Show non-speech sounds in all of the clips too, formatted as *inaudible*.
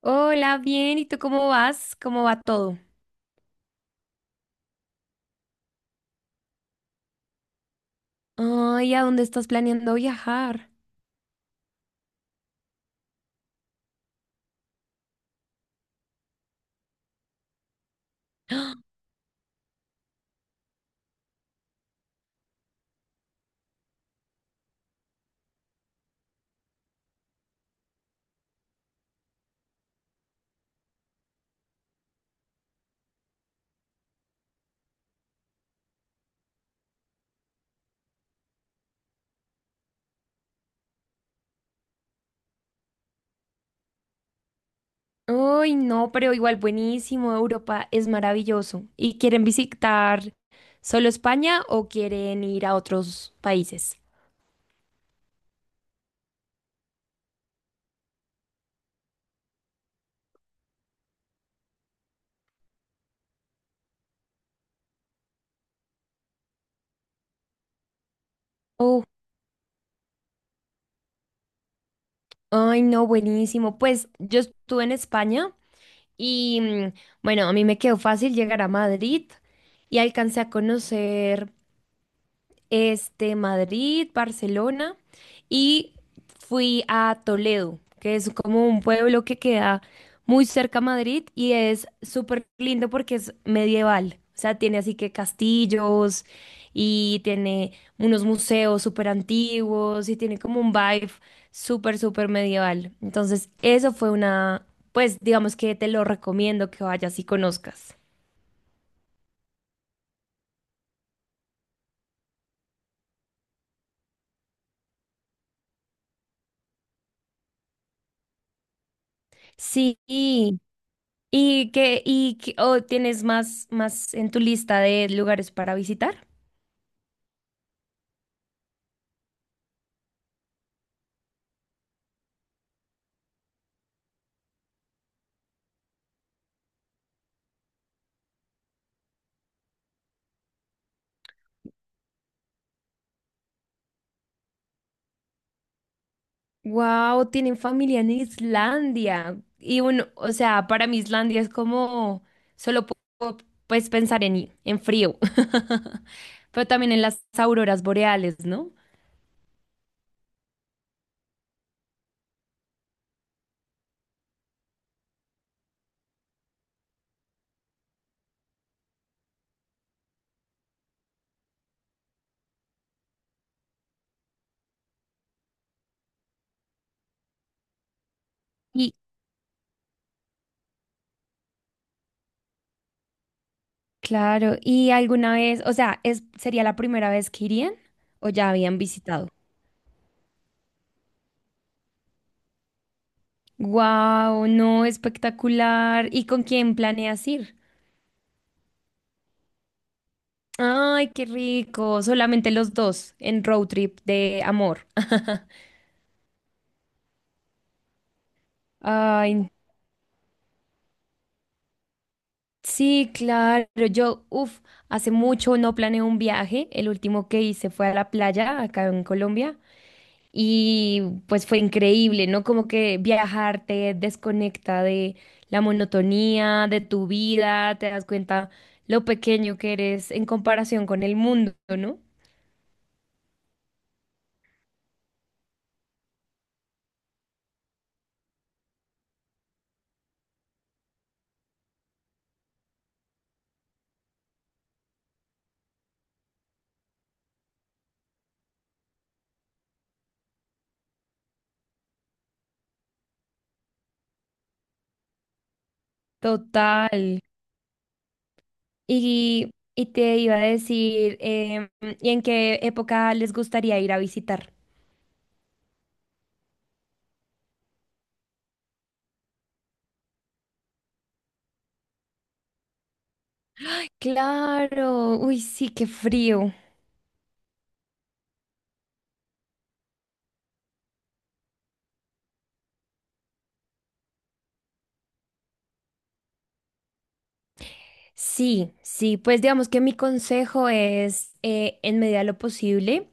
Hola, bien, ¿y tú cómo vas? ¿Cómo va todo? Ay, ¿a dónde estás planeando viajar? *gasps* Ay, no, pero igual buenísimo, Europa es maravilloso. ¿Y quieren visitar solo España o quieren ir a otros países? Oh, ay, no, buenísimo. Pues yo estuve en España y bueno, a mí me quedó fácil llegar a Madrid y alcancé a conocer Madrid, Barcelona y fui a Toledo, que es como un pueblo que queda muy cerca a Madrid y es súper lindo porque es medieval. O sea, tiene así que castillos y tiene unos museos súper antiguos y tiene como un vibe súper, súper medieval. Entonces, eso fue una, pues digamos que te lo recomiendo que vayas y conozcas. Sí. ¿Y qué o tienes más en tu lista de lugares para visitar? Wow, tienen familia en Islandia. Y bueno, o sea, para mí Islandia es como solo puedo pues pensar en frío. *laughs* Pero también en las auroras boreales, ¿no? Y claro, ¿y alguna vez, o sea, es, sería la primera vez que irían o ya habían visitado? Wow, no, espectacular. ¿Y con quién planeas ir? Ay, qué rico. Solamente los dos en road trip de amor. *laughs* Ay, sí, claro. Yo, uff, hace mucho no planeé un viaje. El último que hice fue a la playa acá en Colombia. Y pues fue increíble, ¿no? Como que viajar te desconecta de la monotonía, de tu vida, te das cuenta lo pequeño que eres en comparación con el mundo, ¿no? Total. Y, y te iba a decir, ¿y en qué época les gustaría ir a visitar? Claro, uy, sí, qué frío. Sí, sí, pues digamos que mi consejo es, en medida de lo posible,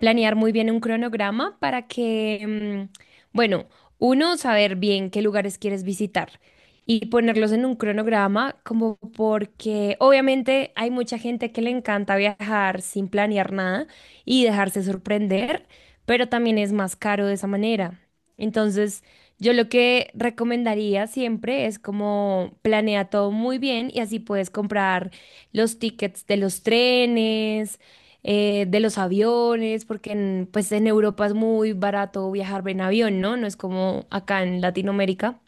planear muy bien un cronograma para que, bueno, uno, saber bien qué lugares quieres visitar y ponerlos en un cronograma, como porque obviamente hay mucha gente que le encanta viajar sin planear nada y dejarse sorprender, pero también es más caro de esa manera. Entonces, yo lo que recomendaría siempre es como planea todo muy bien y así puedes comprar los tickets de los trenes de los aviones, porque en, pues en Europa es muy barato viajar en avión, ¿no? No es como acá en Latinoamérica.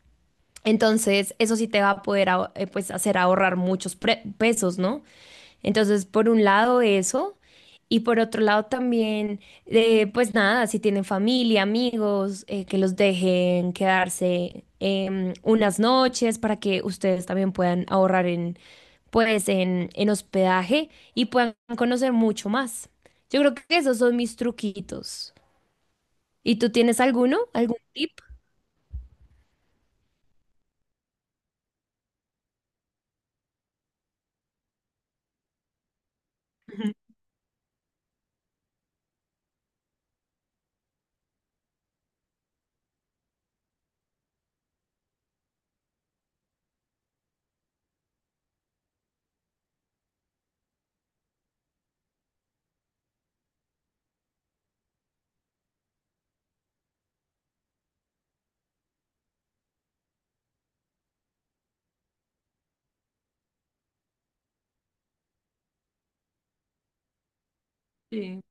Entonces, eso sí te va a poder pues hacer ahorrar muchos pesos, ¿no? Entonces, por un lado eso, y por otro lado también, pues nada, si tienen familia, amigos, que los dejen quedarse unas noches para que ustedes también puedan ahorrar en, pues, en hospedaje y puedan conocer mucho más. Yo creo que esos son mis truquitos. ¿Y tú tienes alguno? ¿Algún tip? Sí.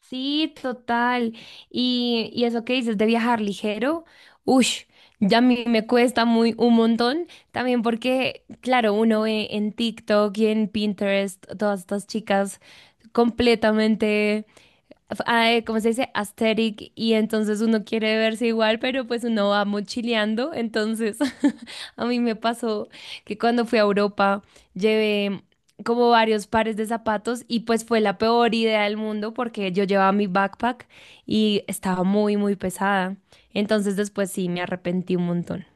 Sí, total. Y eso que dices de viajar ligero, uff, ya a mí me cuesta muy un montón. También porque, claro, uno ve en TikTok y en Pinterest todas estas chicas completamente ay, ¿cómo se dice? Aesthetic, y entonces uno quiere verse igual, pero pues uno va mochileando. Entonces, *laughs* a mí me pasó que cuando fui a Europa llevé como varios pares de zapatos y pues fue la peor idea del mundo porque yo llevaba mi backpack y estaba muy, muy pesada. Entonces después sí, me arrepentí un montón.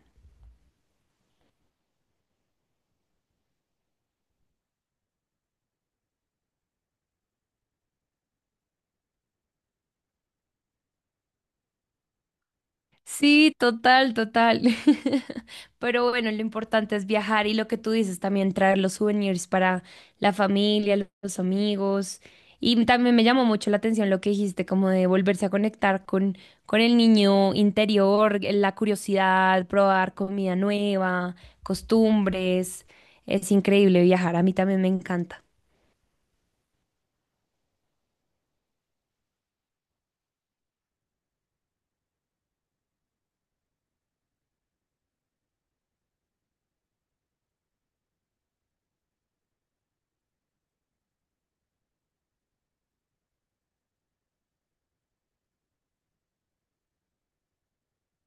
Sí, total, total. *laughs* Pero bueno, lo importante es viajar y lo que tú dices también, traer los souvenirs para la familia, los amigos. Y también me llamó mucho la atención lo que dijiste, como de volverse a conectar con el niño interior, la curiosidad, probar comida nueva, costumbres. Es increíble viajar, a mí también me encanta.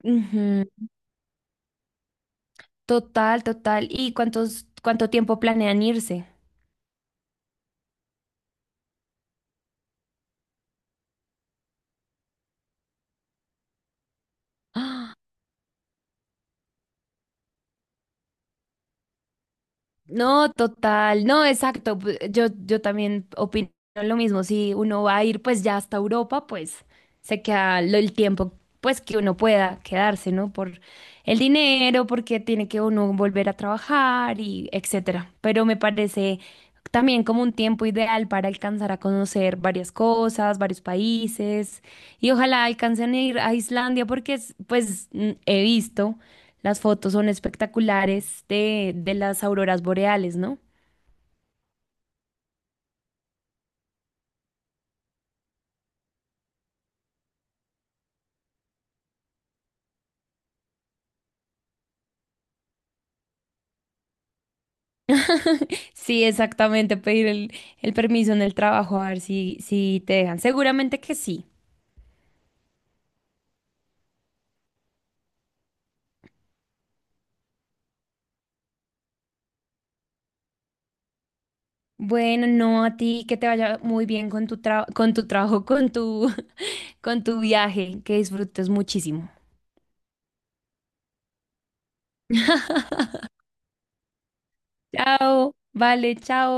Ujú. Total, total. Y ¿cuánto tiempo planean irse? *gasps* No, total, no, exacto. Yo, yo también opino lo mismo. Si uno va a ir pues ya hasta Europa, pues se queda el tiempo pues que uno pueda quedarse, ¿no? Por el dinero, porque tiene que uno volver a trabajar y etcétera. Pero me parece también como un tiempo ideal para alcanzar a conocer varias cosas, varios países y ojalá alcancen a ir a Islandia porque pues he visto. Las fotos son espectaculares de las auroras boreales, ¿no? *laughs* Sí, exactamente, pedir el permiso en el trabajo, a ver si, si te dejan. Seguramente que sí. Bueno, no a ti, que te vaya muy bien con tu con tu trabajo, con tu, *laughs* con tu viaje, que disfrutes muchísimo. Chao, vale, chao.